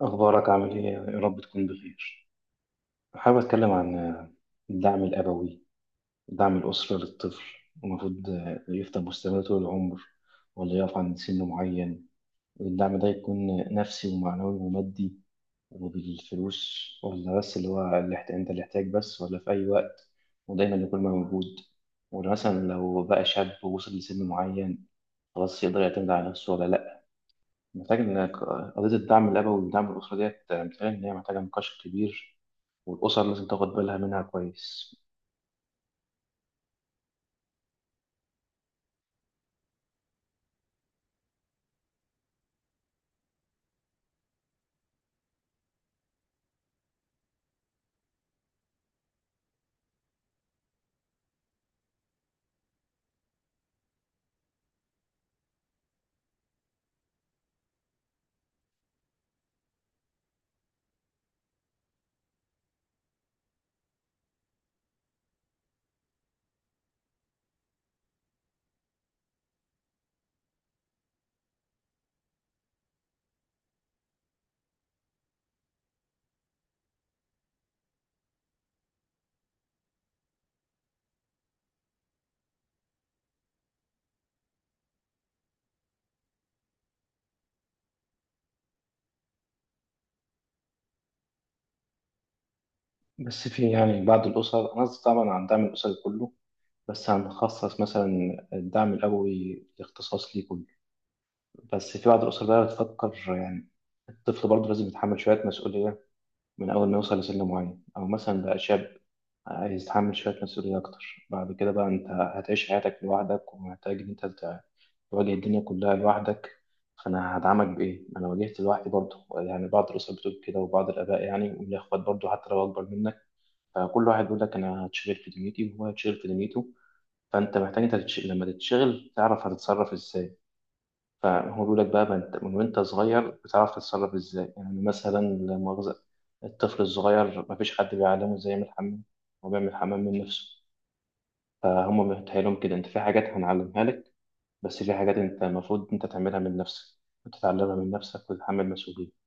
أخبارك عامل إيه؟ يا رب تكون بخير. حابب أتكلم عن الدعم الأبوي، دعم الأسرة للطفل، المفروض يفضل مستمر طول العمر ولا يقف عند سن معين، والدعم ده يكون نفسي ومعنوي ومادي وبالفلوس ولا بس اللي هو أنت اللي يحتاج بس ولا في أي وقت ودايما يكون موجود، ولا مثلا لو بقى شاب ووصل لسن معين خلاص يقدر يعتمد على نفسه ولا لأ. محتاج إنك قضية الدعم الأبوي والدعم الأسري ديت محتاجة إن هي محتاجة نقاش كبير والأسر لازم تاخد بالها منها كويس. بس في بعض الأسر، أنا قصدي طبعا عن الدعم الأسري كله، بس هنخصص مثلا الدعم الأبوي اختصاص ليه كله. بس في بعض الأسر بقى بتفكر الطفل برضه لازم يتحمل شوية مسؤولية من أول ما يوصل لسن معين أو مثلا بقى شاب، عايز تحمل شوية مسؤولية أكتر. بعد كده بقى أنت هتعيش حياتك لوحدك ومحتاج إن تواجه الدنيا كلها لوحدك. فأنا هدعمك بإيه؟ أنا واجهت لوحدي برضه. يعني بعض الأسر بتقول كده وبعض الآباء، يعني والإخوات برضه حتى لو أكبر منك، فكل واحد بيقول لك أنا هتشغل في دنيتي وهو هيتشغل في دنيته. فأنت محتاج لما تتشغل تعرف هتتصرف إزاي. فهو بيقول لك بقى من وأنت صغير بتعرف تتصرف إزاي. يعني مثلا لا مؤاخذة الطفل الصغير مفيش حد بيعلمه إزاي يعمل حمام، هو بيعمل حمام من نفسه. فهم متهيألهم كده انت في حاجات هنعلمها لك، بس في حاجات انت المفروض انت تعملها من نفسك وتتعلمها من نفسك وتتحمل مسؤولية.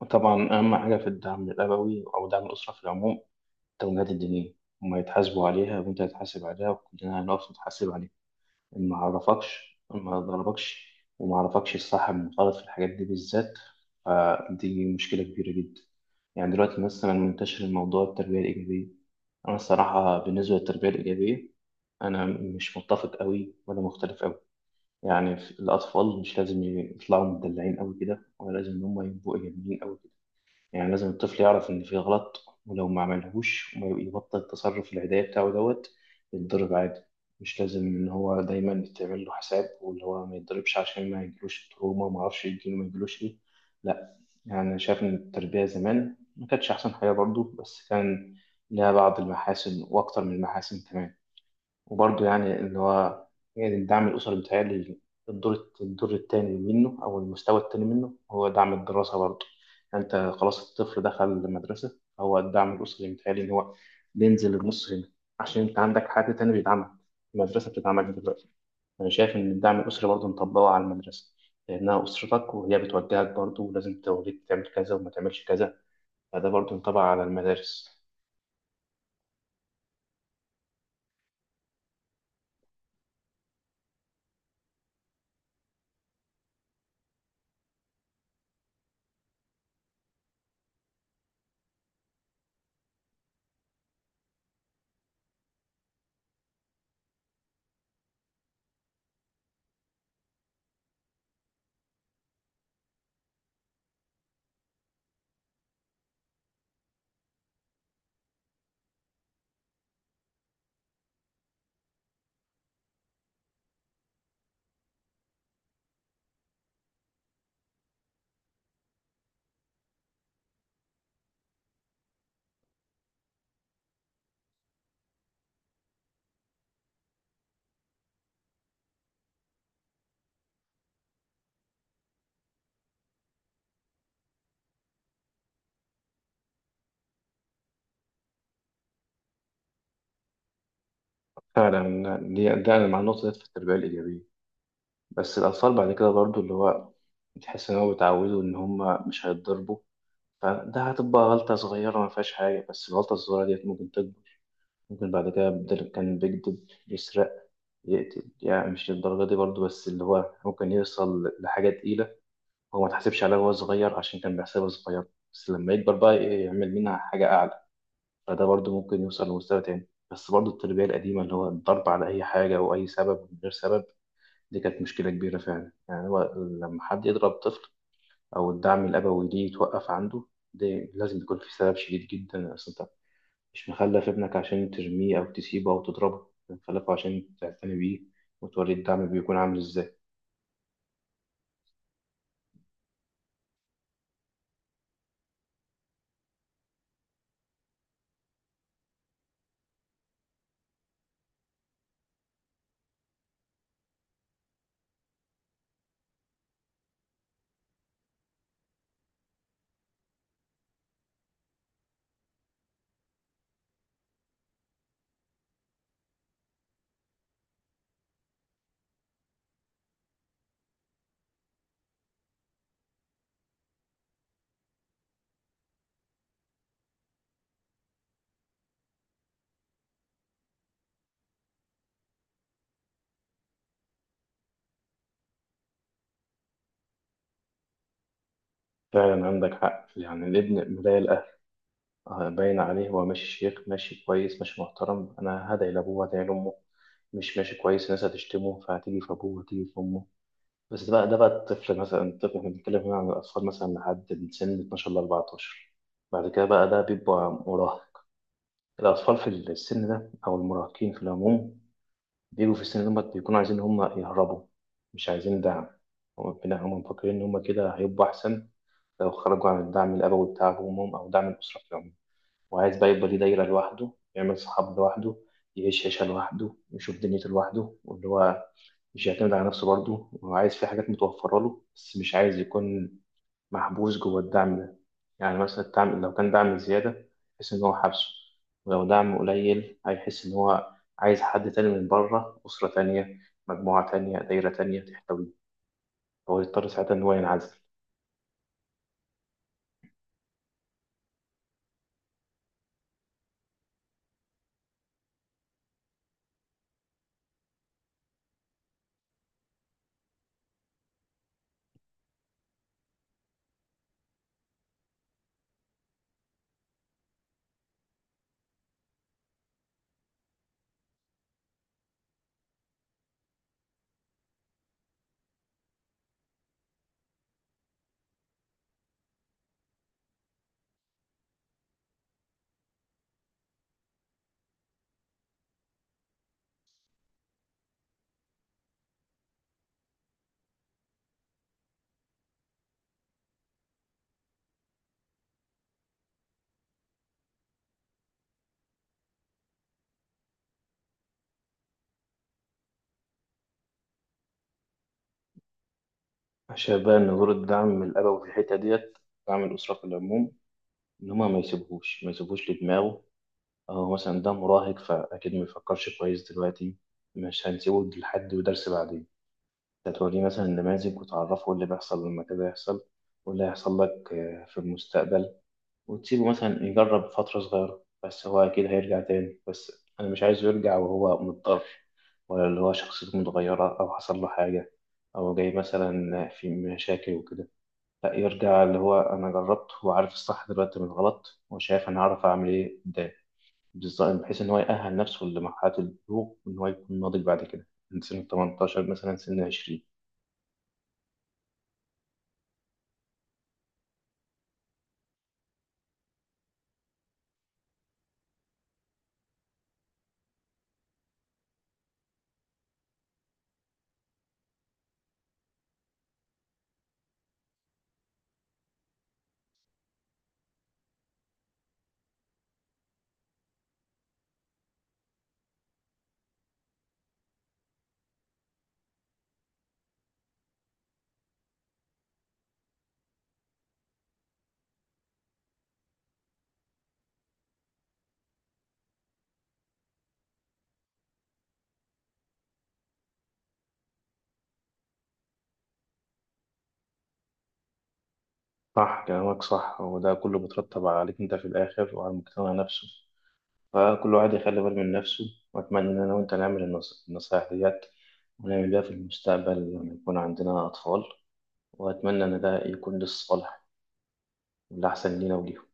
وطبعا أهم حاجة في الدعم الأبوي أو دعم الأسرة في العموم التوجيهات الدينية. هما يتحاسبوا عليها وأنت هتحاسب عليها وكلنا هنقف نتحاسب عليها. ما عرفكش، ما ضربكش، وما عرفكش الصح من الغلط في الحاجات دي بالذات، فدي مشكلة كبيرة جدا. يعني دلوقتي مثلا منتشر الموضوع، التربية الإيجابية. أنا الصراحة بالنسبة للتربية الإيجابية أنا مش متفق أوي ولا مختلف أوي. يعني الأطفال مش لازم يطلعوا مدلعين أوي كده، ولا لازم إن هم يبقوا إيجابيين أوي. يعني لازم الطفل يعرف إن في غلط، ولو ما عملهوش وما يبطل التصرف العدائي بتاعه دوت يتضرب عادي. مش لازم إن هو دايما يتعمل له حساب واللي هو ما يتضربش عشان ما يجيلوش تروما وما أعرفش يجيله ما يجيلوش إيه. لأ. يعني أنا شايف إن التربية زمان ما كانتش أحسن حاجة برضه، بس كان لها بعض المحاسن وأكتر من المحاسن كمان. وبرضه يعني إن هو، يعني الدعم الأسري بيتهيألي الدور التاني منه أو المستوى التاني منه هو دعم الدراسة برضه. يعني أنت خلاص الطفل دخل المدرسة، هو الدعم الأسري بيتهيألي إن هو بينزل النص هنا عشان أنت عندك حد تاني بيدعمك، المدرسة بتدعمك دلوقتي. أنا شايف إن الدعم الأسري برضه نطبقه على المدرسة، لأنها أسرتك وهي بتوجهك برضه ولازم توريك تعمل كذا وما تعملش كذا. فده برضه ينطبق على المدارس. فعلا دي ده مع النقطة دي في التربية الإيجابية. بس الأطفال بعد كده برضو اللي هو بتحس إن هو بيتعودوا إن هما مش هيتضربوا، فده هتبقى غلطة صغيرة ما فيهاش حاجة، بس الغلطة الصغيرة ديت ممكن تكبر. ممكن بعد كده بدل كان بيكذب يسرق، يقتل، يعني مش للدرجة دي برضو، بس اللي هو ممكن يوصل لحاجة تقيلة هو ما تحسبش عليها وهو صغير عشان كان بيحسبها صغير، بس لما يكبر بقى يعمل منها حاجة أعلى. فده برضو ممكن يوصل لمستوى تاني. بس برضو التربية القديمة اللي هو الضرب على أي حاجة وأي سبب من غير سبب، دي كانت مشكلة كبيرة فعلا. يعني هو لما حد يضرب طفل أو الدعم الأبوي ليه يتوقف عنده، ده لازم يكون في سبب شديد جدا. أصل أنت مش مخلف ابنك عشان ترميه أو تسيبه أو تضربه، أنت مخلفه عشان تعتني بيه وتوري الدعم بيكون عامل إزاي. فعلا عندك حق، يعني الابن مراية الأهل. باين عليه هو ماشي شيخ، ماشي كويس، ماشي محترم، أنا هدعي لأبوه هدعي لأمه. مش ماشي كويس، الناس هتشتمه فهتيجي في أبوه هتيجي في أمه. بس ده بقى، الطفل مثلا، الطفل، احنا بنتكلم هنا عن الأطفال مثلا لحد من سن 12 ل 14. بعد كده بقى ده بيبقى مراهق. الأطفال في السن ده أو المراهقين في العموم، بيجوا في السن ده بيكونوا عايزين هم يهربوا، مش عايزين دعم. هم هم مفكرين إن هم كده هيبقوا أحسن لو خرجوا عن الدعم الأبوي بتاع أبوهم أو دعم الأسرة في العموم. وعايز بقى يبقى ليه دايرة لوحده، يعمل صحاب لوحده، يعيش عيشة لوحده، يشوف دنيته لوحده، واللي هو مش يعتمد على نفسه برضه، وعايز في حاجات متوفرة له بس مش عايز يكون محبوس جوه الدعم ده. يعني مثلا الدعم لو كان دعم زيادة يحس إن هو حابسه، ولو دعم قليل هيحس إن هو عايز حد تاني من بره، أسرة تانية، مجموعة تانية، دايرة تانية تحتويه. هو يضطر ساعتها إن هو ينعزل. أنا شايف بقى إن دور الدعم الأبوي في الحتة ديت، دعم الأسرة في العموم، إن هما ما يسيبوهوش لدماغه. أو مثلا ده مراهق فأكيد ما يفكرش كويس دلوقتي، مش هنسيبه لحد ودرس بعدين. انت توريه مثلا النماذج وتعرفه ايه اللي بيحصل لما كذا يحصل واللي هيحصل لك في المستقبل. وتسيبه مثلا يجرب فترة صغيرة، بس هو أكيد هيرجع تاني. بس أنا مش عايزه يرجع وهو مضطر، ولا اللي هو شخصيته متغيرة أو حصل له حاجة أو جاي مثلا في مشاكل وكده. لا، يرجع اللي هو أنا جربت وعارف الصح دلوقتي من الغلط، وشايف أنا هعرف أعمل إيه قدام. بالظبط، بحيث إن هو يأهل نفسه لمرحلة البلوغ وإن هو يكون ناضج بعد كده من سن 18 مثلا سن 20. صح كلامك صح، وده كله بيترتب عليك انت في الاخر وعلى المجتمع نفسه. فكل واحد يخلي باله من نفسه. واتمنى ان انا وانت نعمل النصايح ديت ونعمل بيها في المستقبل لما يكون عندنا اطفال. واتمنى ان ده يكون للصالح والاحسن لينا وليهم.